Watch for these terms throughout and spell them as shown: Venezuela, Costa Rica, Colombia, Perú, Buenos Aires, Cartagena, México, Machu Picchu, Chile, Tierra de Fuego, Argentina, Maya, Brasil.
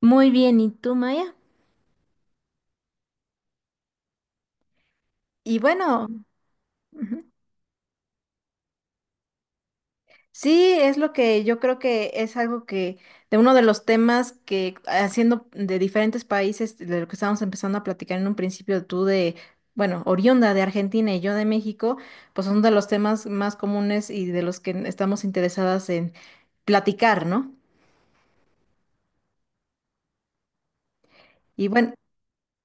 Muy bien, ¿y tú, Maya? Y bueno, ujú. Sí, es lo que yo creo que es algo de uno de los temas que haciendo de diferentes países, de lo que estábamos empezando a platicar en un principio, bueno, oriunda de Argentina y yo de México, pues son de los temas más comunes y de los que estamos interesadas en platicar, ¿no? Y bueno,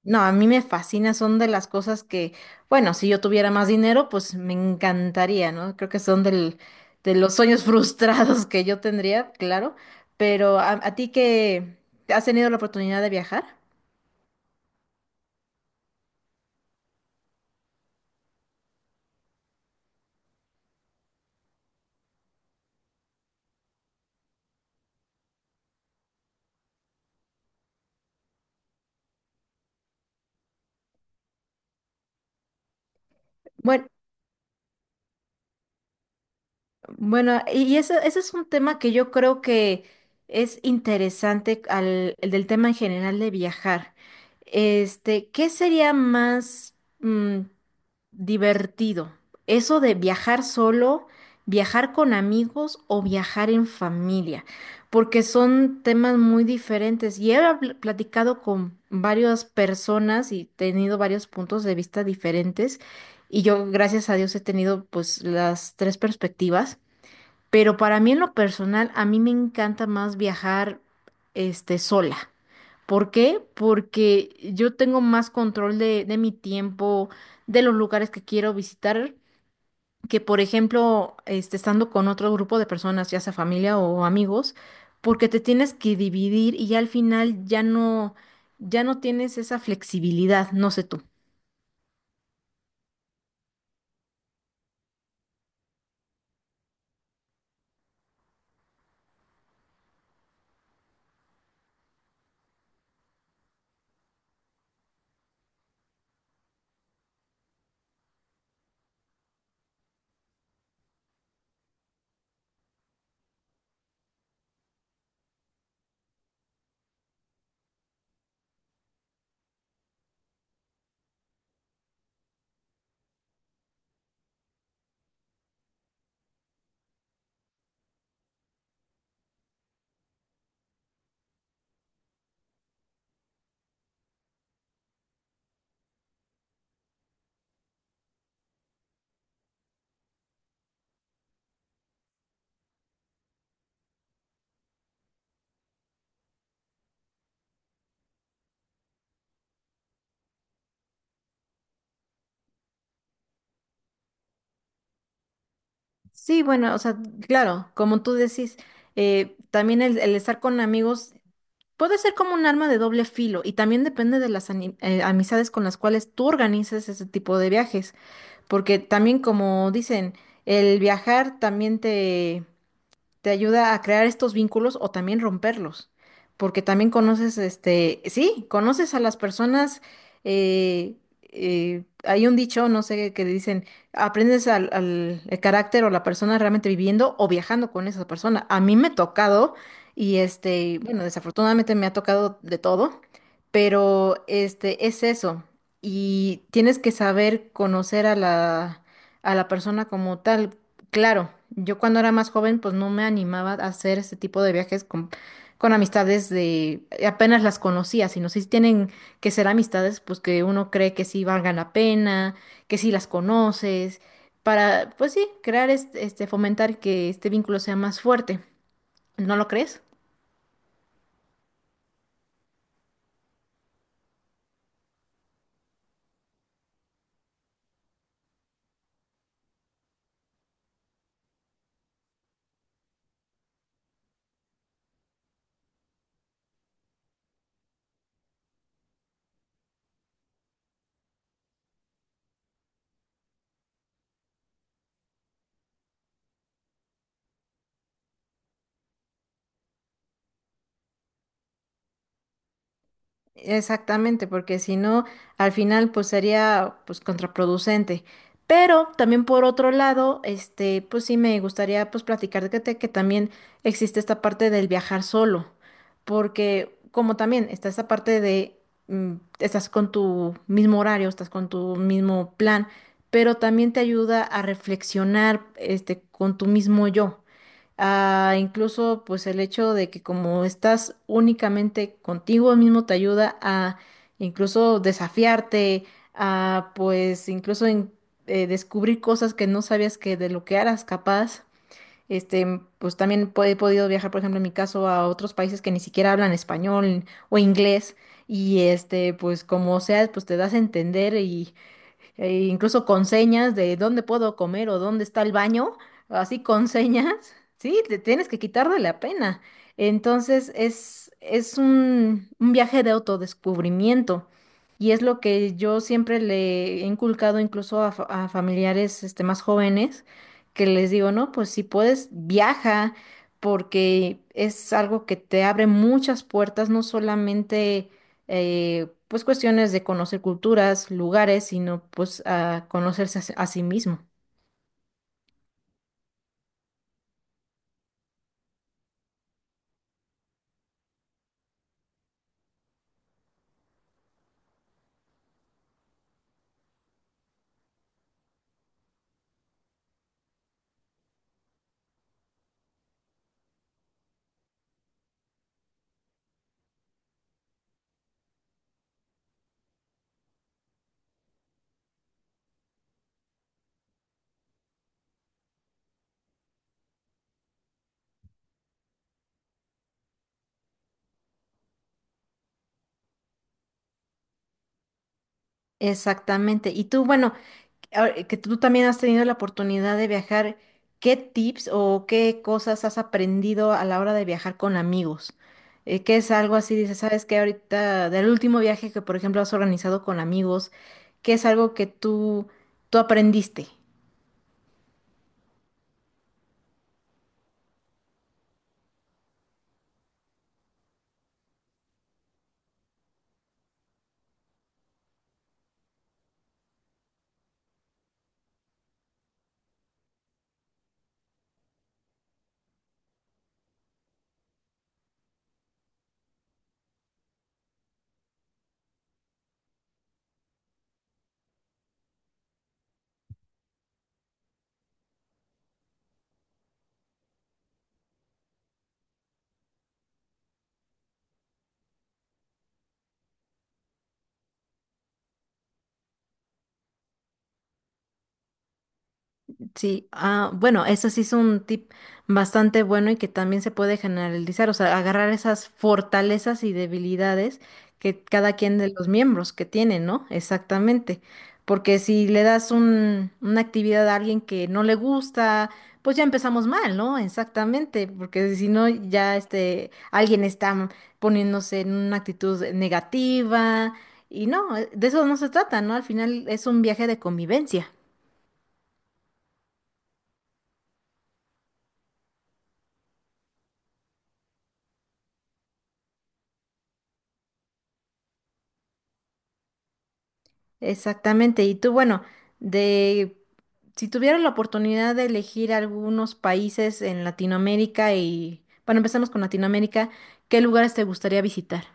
no, a mí me fascina, son de las cosas bueno, si yo tuviera más dinero, pues me encantaría, ¿no? Creo que son de los sueños frustrados que yo tendría, claro, pero a ti que has tenido la oportunidad de viajar. Bueno, bueno, y eso, ese es un tema que yo creo que es interesante el del tema en general de viajar. ¿Qué sería más divertido? Eso de viajar solo, viajar con amigos o viajar en familia, porque son temas muy diferentes. Y platicado con varias personas y tenido varios puntos de vista diferentes. Y yo, gracias a Dios, he tenido pues las tres perspectivas. Pero para mí en lo personal, a mí me encanta más viajar sola. ¿Por qué? Porque yo tengo más control de mi tiempo, de los lugares que quiero visitar, que por ejemplo, estando con otro grupo de personas, ya sea familia o amigos, porque te tienes que dividir y ya al final ya no tienes esa flexibilidad, no sé tú. Sí, bueno, o sea, claro, como tú decís, también el estar con amigos puede ser como un arma de doble filo y también depende de las amistades con las cuales tú organizas ese tipo de viajes. Porque también como dicen, el viajar también te ayuda a crear estos vínculos o también romperlos, porque también conoces, sí, conoces a las personas, eh, hay un dicho, no sé, que dicen, aprendes el carácter o la persona realmente viviendo o viajando con esa persona. A mí me ha tocado, y bueno, desafortunadamente me ha tocado de todo, pero es eso, y tienes que saber conocer a la persona como tal. Claro, yo cuando era más joven, pues no me animaba a hacer este tipo de viajes con amistades de apenas las conocía, sino si tienen que ser amistades, pues que uno cree que sí valgan la pena, que sí las conoces, para, pues sí, crear fomentar que este vínculo sea más fuerte. ¿No lo crees? Exactamente, porque si no, al final pues sería pues contraproducente. Pero también por otro lado, pues sí me gustaría pues platicar de que también existe esta parte del viajar solo, porque como también está esta parte de estás con tu mismo horario, estás con tu mismo plan, pero también te ayuda a reflexionar este con tu mismo yo. Ah, incluso pues el hecho de que como estás únicamente contigo mismo te ayuda a incluso desafiarte, a pues descubrir cosas que no sabías que de lo que eras capaz. Este, pues también he podido viajar, por ejemplo, en mi caso, a otros países que ni siquiera hablan español o inglés. Y este, pues como sea, pues te das a entender incluso con señas de dónde puedo comer o dónde está el baño, así con señas, sí, te tienes que quitar de la pena. Entonces es un viaje de autodescubrimiento y es lo que yo siempre le he inculcado incluso a, a familiares este, más jóvenes, que les digo, no, pues si puedes, viaja porque es algo que te abre muchas puertas, no solamente pues cuestiones de conocer culturas, lugares, sino pues a conocerse a sí mismo. Exactamente. Y tú, bueno, ahora que tú también has tenido la oportunidad de viajar, ¿qué tips o qué cosas has aprendido a la hora de viajar con amigos? ¿Qué es algo así? Dices, ¿sabes que ahorita, del último viaje que, por ejemplo, has organizado con amigos, ¿qué es algo que tú aprendiste? Sí, ah, bueno, eso sí es un tip bastante bueno y que también se puede generalizar, o sea, agarrar esas fortalezas y debilidades que cada quien de los miembros que tiene, ¿no? Exactamente, porque si le das una actividad a alguien que no le gusta, pues ya empezamos mal, ¿no? Exactamente, porque si no, ya alguien está poniéndose en una actitud negativa y no, de eso no se trata, ¿no? Al final es un viaje de convivencia. Exactamente. Y tú, bueno, de si tuvieras la oportunidad de elegir algunos países en Latinoamérica y, bueno, empezamos con Latinoamérica, ¿qué lugares te gustaría visitar?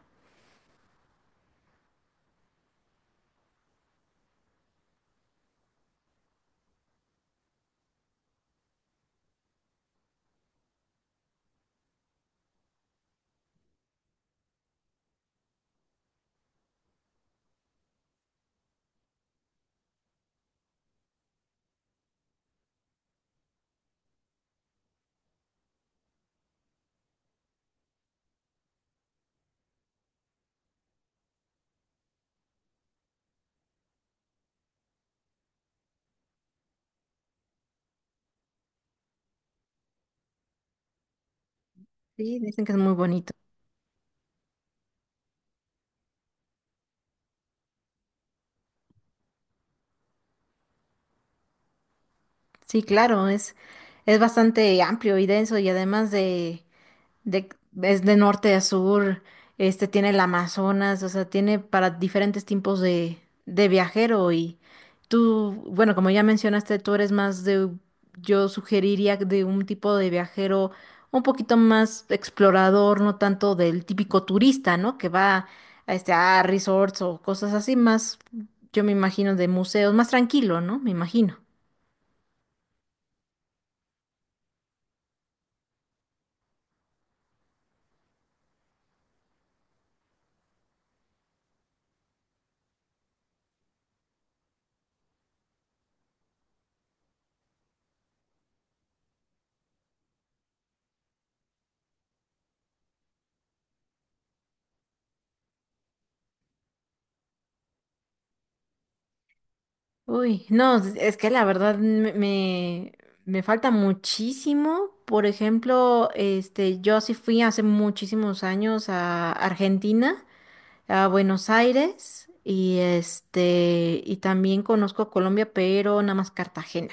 Sí, dicen que es muy bonito. Sí, claro, es bastante amplio y denso y además de, es de norte a sur, este tiene el Amazonas, o sea, tiene para diferentes tipos de viajero y tú, bueno, como ya mencionaste, tú eres más de, yo sugeriría de un tipo de viajero un poquito más explorador, no tanto del típico turista, ¿no? Que va a, a resorts o cosas así, más, yo me imagino, de museos, más tranquilo, ¿no? Me imagino. Uy, no, es que la verdad me falta muchísimo. Por ejemplo, yo sí fui hace muchísimos años a Argentina, a Buenos Aires, y y también conozco Colombia, pero nada más Cartagena.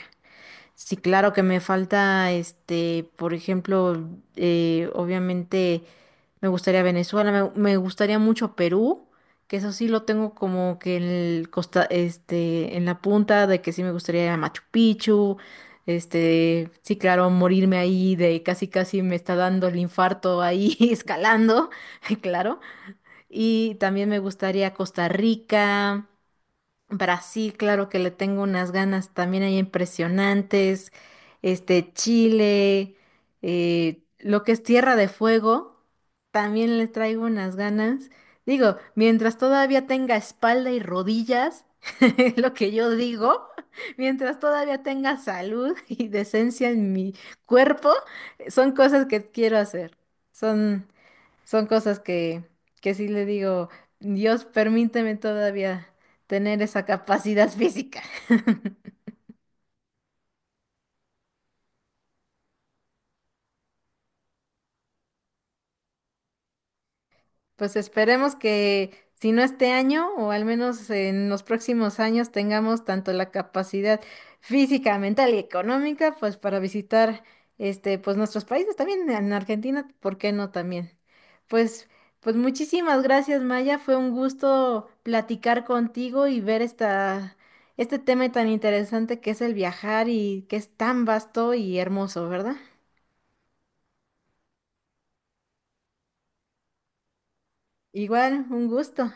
Sí, claro que me falta, por ejemplo, obviamente. Me gustaría Venezuela, me gustaría mucho Perú, que eso sí lo tengo como que en el costa, en la punta de que sí me gustaría ir a Machu Picchu, sí, claro, morirme ahí de casi casi me está dando el infarto ahí escalando, claro. Y también me gustaría Costa Rica, Brasil, claro que le tengo unas ganas también ahí impresionantes. Chile, lo que es Tierra de Fuego, también le traigo unas ganas. Digo, mientras todavía tenga espalda y rodillas, es lo que yo digo, mientras todavía tenga salud y decencia en mi cuerpo, son cosas que quiero hacer. Son, son cosas que sí le digo, Dios, permíteme todavía tener esa capacidad física. Pues esperemos que si no este año o al menos en los próximos años tengamos tanto la capacidad física, mental y económica pues para visitar este pues nuestros países también en Argentina, ¿por qué no también? Pues pues muchísimas gracias, Maya, fue un gusto platicar contigo y ver esta este tema tan interesante que es el viajar y que es tan vasto y hermoso, ¿verdad? Igual, un gusto.